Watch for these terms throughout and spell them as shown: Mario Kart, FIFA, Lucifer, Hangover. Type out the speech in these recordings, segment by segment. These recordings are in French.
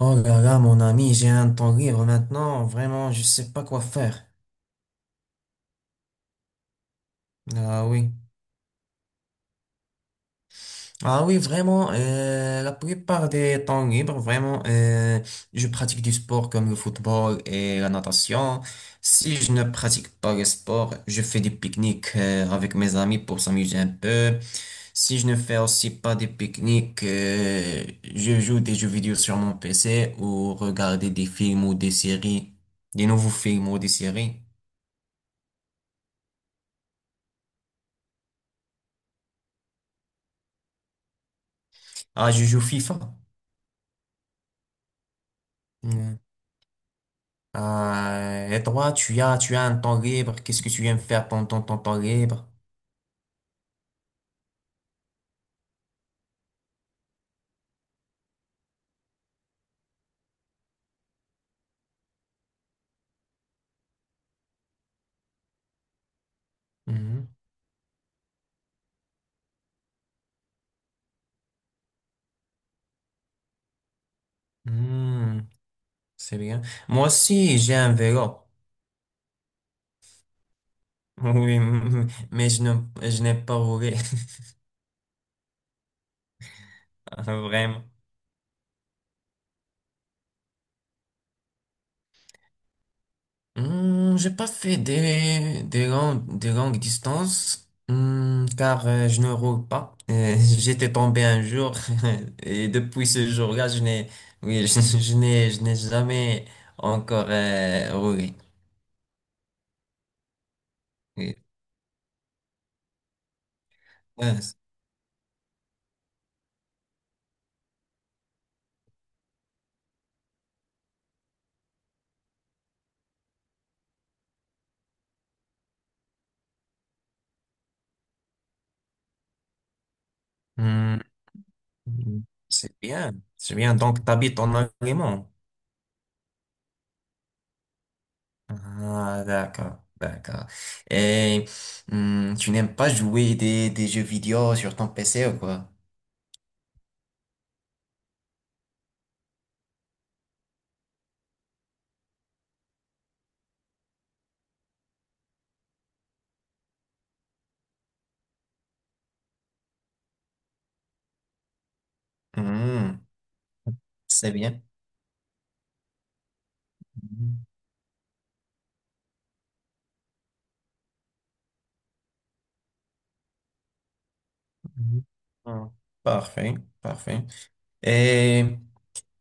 Oh là là, mon ami, j'ai un temps libre maintenant. Vraiment, je sais pas quoi faire. Ah oui. Ah oui, vraiment, la plupart des temps libres, vraiment, je pratique du sport comme le football et la natation. Si je ne pratique pas le sport, je fais des pique-niques, avec mes amis pour s'amuser un peu. Si je ne fais aussi pas des pique-niques, je joue des jeux vidéo sur mon PC ou regarder des films ou des séries, des nouveaux films ou des séries. Ah, je joue FIFA. Mm. Ah, et toi, tu as un temps libre. Qu'est-ce que tu aimes faire pendant ton temps libre? Mhm. Mm, c'est bien. Moi aussi, j'ai un vélo. Oui, mais je n'ai pas roulé. Vraiment. Hmm, j'ai pas fait des longues distances, hmm, car je ne roule pas. J'étais tombé un jour et depuis ce jour-là, je n'ai, oui, je n'ai jamais encore roulé. Oui. Ouais, hmm, c'est bien, c'est bien. Donc, t'habites en Allemagne. Ah, d'accord, d'accord. Et tu n'aimes pas jouer des jeux vidéo sur ton PC ou quoi? Hmm, c'est bien. Mhm, mhm. Hein. Parfait, parfait. Et,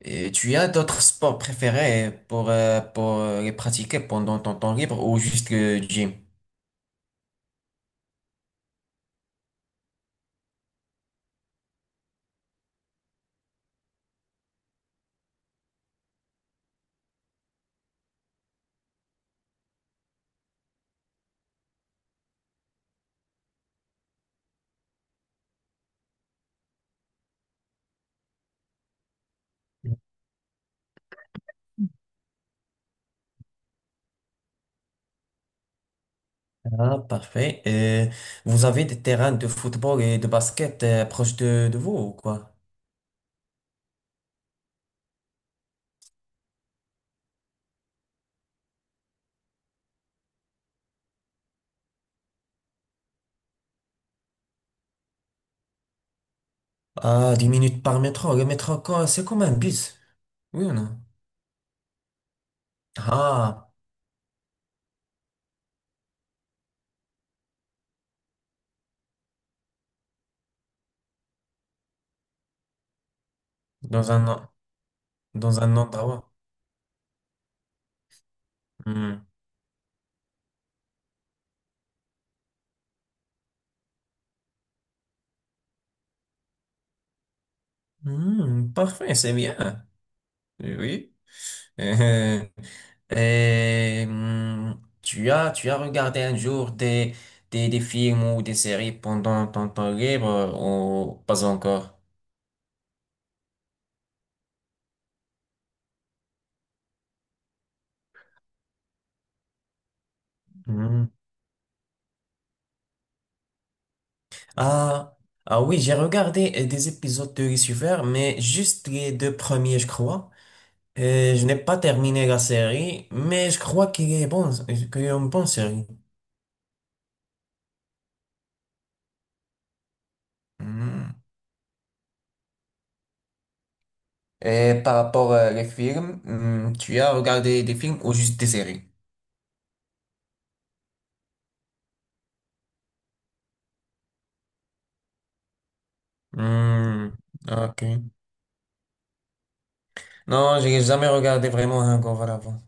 et tu as d'autres sports préférés pour les pratiquer pendant ton temps libre ou juste le gym? Ah, parfait. Et vous avez des terrains de football et de basket proches de vous ou quoi? Ah, 10 minutes par métro. Le métro, quoi, c'est comme un bus. Oui ou non? Ah, dans un, en- dans un endroit. Hmm. Hmm, parfait, c'est bien. Oui. Euh, tu as regardé un jour des films ou des séries pendant ton temps libre ou pas encore? Hum. Ah, ah oui, j'ai regardé des épisodes de Lucifer, mais juste les deux premiers, je crois. Je n'ai pas terminé la série, mais je crois qu'il est bon, qu'il est une bonne série. Hum. Et par rapport les films, tu as regardé des films ou juste des séries? Hum, Ok. Non, j'ai jamais regardé vraiment un Hangover avant.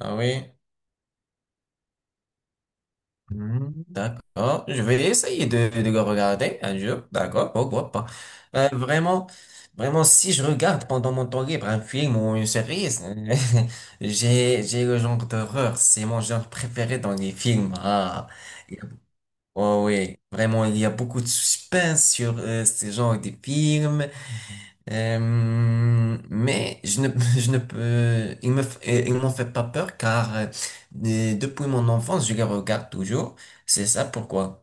Ah oui? Hmm, d'accord. Je vais essayer de le regarder un jour. D'accord, pourquoi pas. Vraiment, vraiment, si je regarde pendant mon temps libre un film ou une série, j'ai le genre d'horreur. C'est mon genre préféré dans les films. Ah, oh oui. Vraiment, il y a beaucoup de suspense sur ce genre de films. Euh, mais je ne, je ne peux, ils me, f- ils m'ont fait pas peur car depuis mon enfance, je les regarde toujours. C'est ça pourquoi.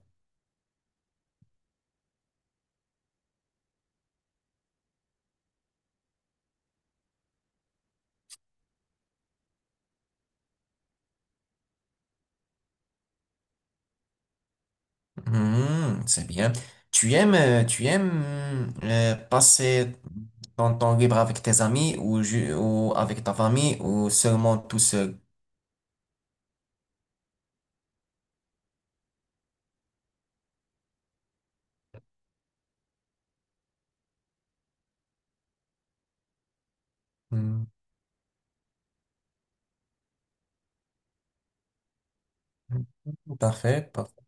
Hmm, c'est bien. Tu aimes passer ton temps libre avec tes amis ou avec ta famille ou seulement tout seul? Hmm, parfait, parfait.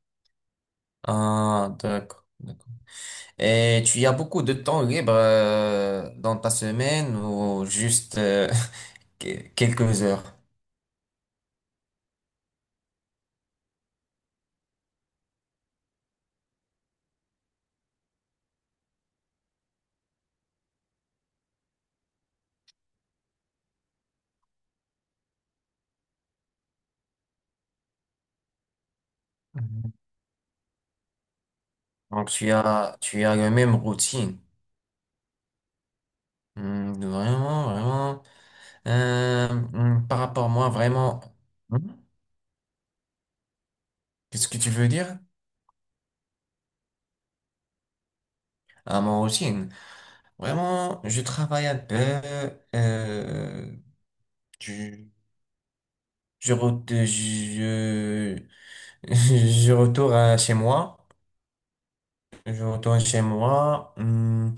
Ah, d'accord. Et tu as beaucoup de temps libre dans ta semaine ou juste quelques heures. Mhm. Donc tu as la même routine. Hmm, vraiment, vraiment. Par rapport à moi, vraiment. Hmm. Qu'est-ce que tu veux dire? À mon routine. Vraiment, je travaille un peu. euh, je, je, re- je, je retourne à chez moi. Je retourne chez moi. Hmm,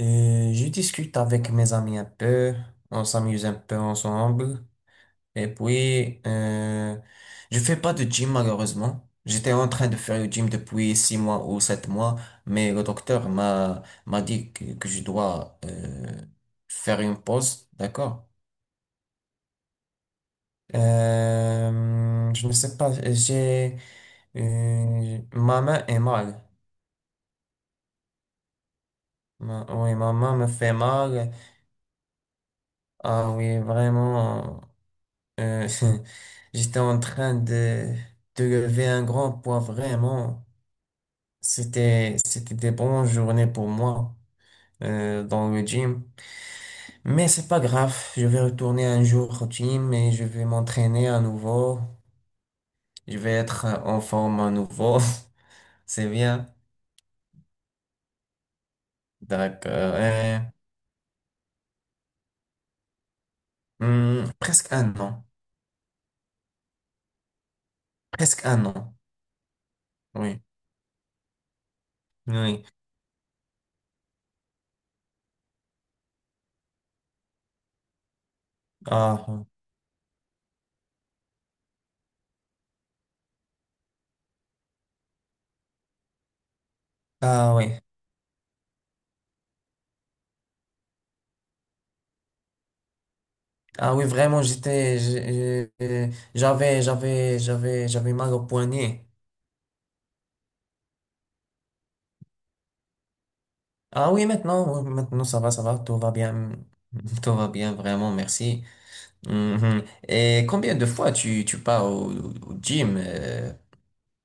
Euh, Je discute avec mes amis un peu, on s'amuse un peu ensemble. Et puis, je fais pas de gym malheureusement. J'étais en train de faire le gym depuis 6 mois ou 7 mois, mais le docteur m'a dit que je dois faire une pause, d'accord? Je ne sais pas, j'ai ma main est mal. Oui, ma main me fait mal. Ah oui, vraiment. Euh, j'étais en train de lever un grand poids, vraiment. C'était des bonnes journées pour moi dans le gym. Mais c'est pas grave, je vais retourner un jour au gym et je vais m'entraîner à nouveau. Je vais être en forme à nouveau. C'est bien. D'accord. Presque un an. Presque un an. Oui. Oui. Ah, ah oui. Ah oui, vraiment, j'étais, j'ai- j'avais, j'avais, j'avais, j'avais mal au poignet. Ah oui, maintenant, ça va, tout va bien. Tout va bien, vraiment, merci. Mhm. Et combien de fois tu pars au gym,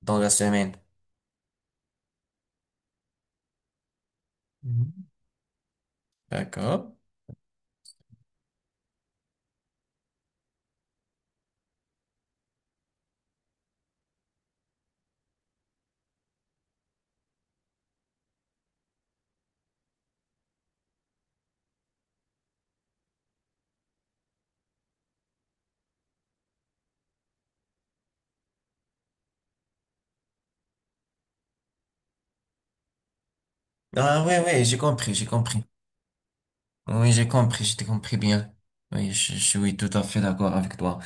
dans la semaine? Mhm. D'accord. Ah oui, oui, j'ai compris, j'ai compris. Oui, j'ai compris bien. Oui, je suis tout à fait d'accord avec toi.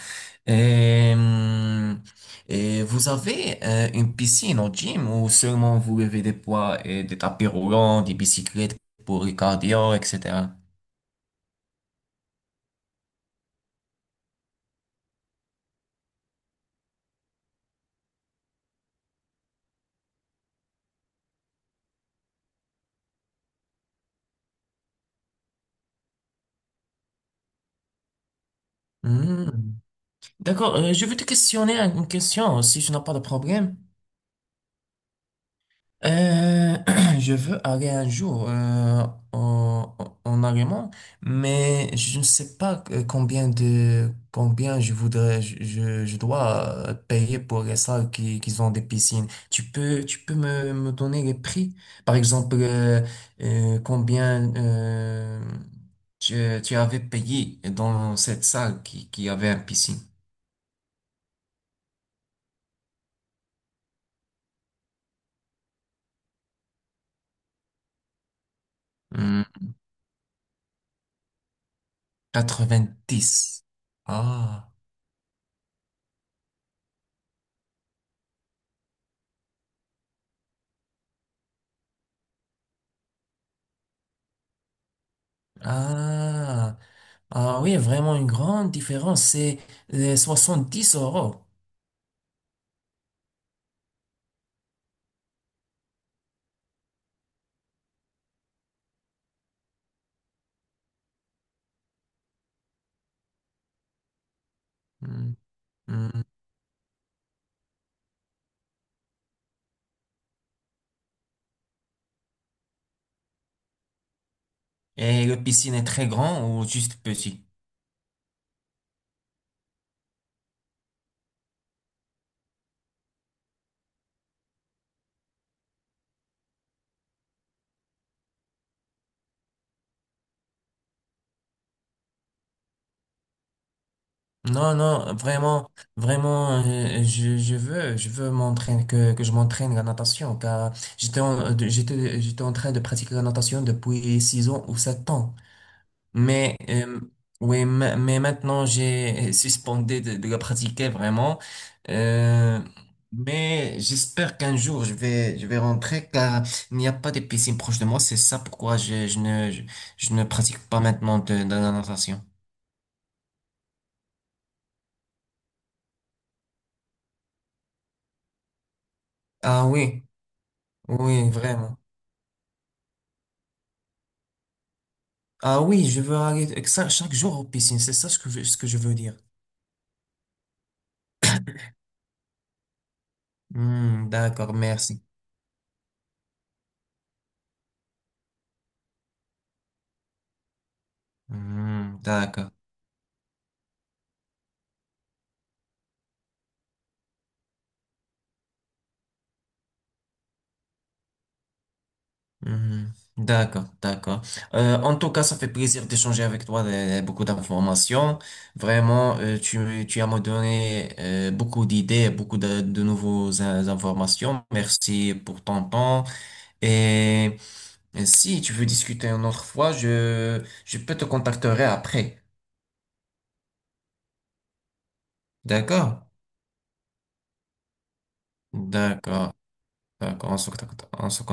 Et, hum, et vous avez une piscine au gym ou seulement vous levez des poids et des tapis roulants, des bicyclettes pour le cardio, etc. Hmm. D'accord, je vais te questionner une question si tu n'as pas de problème. Euh, je veux aller un jour en Allemagne, mais je ne sais pas combien je dois payer pour les salles qui ont des piscines. Tu peux me donner les prix? Par exemple, combien tu, tu avais payé dans cette salle qui avait une piscine? Hmm, dix Ah. Ah, ah oui, vraiment une grande différence. C'est euh, 10 euros. Hmm, hmm. Et la piscine est très grand ou juste petit? Non, non, vraiment, vraiment, je veux m'entraîner, que je m'entraîne la natation, car j'étais en train de pratiquer la natation depuis 6 ans ou 7 ans. Mais, oui, mais maintenant, j'ai suspendu de la pratiquer vraiment. Euh, mais j'espère qu'un jour, je vais rentrer car il n'y a pas de piscine proche de moi. C'est ça pourquoi je ne pratique pas maintenant de la natation. Ah oui, oui, vraiment. Ah oui, je veux aller chaque jour aux piscines. C'est ça ce que, ce que je veux dire. Hmm, d'accord, merci. Hmm, d'accord. Mhm. D'accord, d'accord. En tout cas, ça fait plaisir d'échanger avec toi beaucoup d'informations. Vraiment, tu as me donné beaucoup d'idées, beaucoup de nouvelles informations. Merci pour ton temps. Et, et si tu veux discuter une autre fois, je peux te contacter après. D'accord? D'accord, d'accord. On se contacte, on se contacte.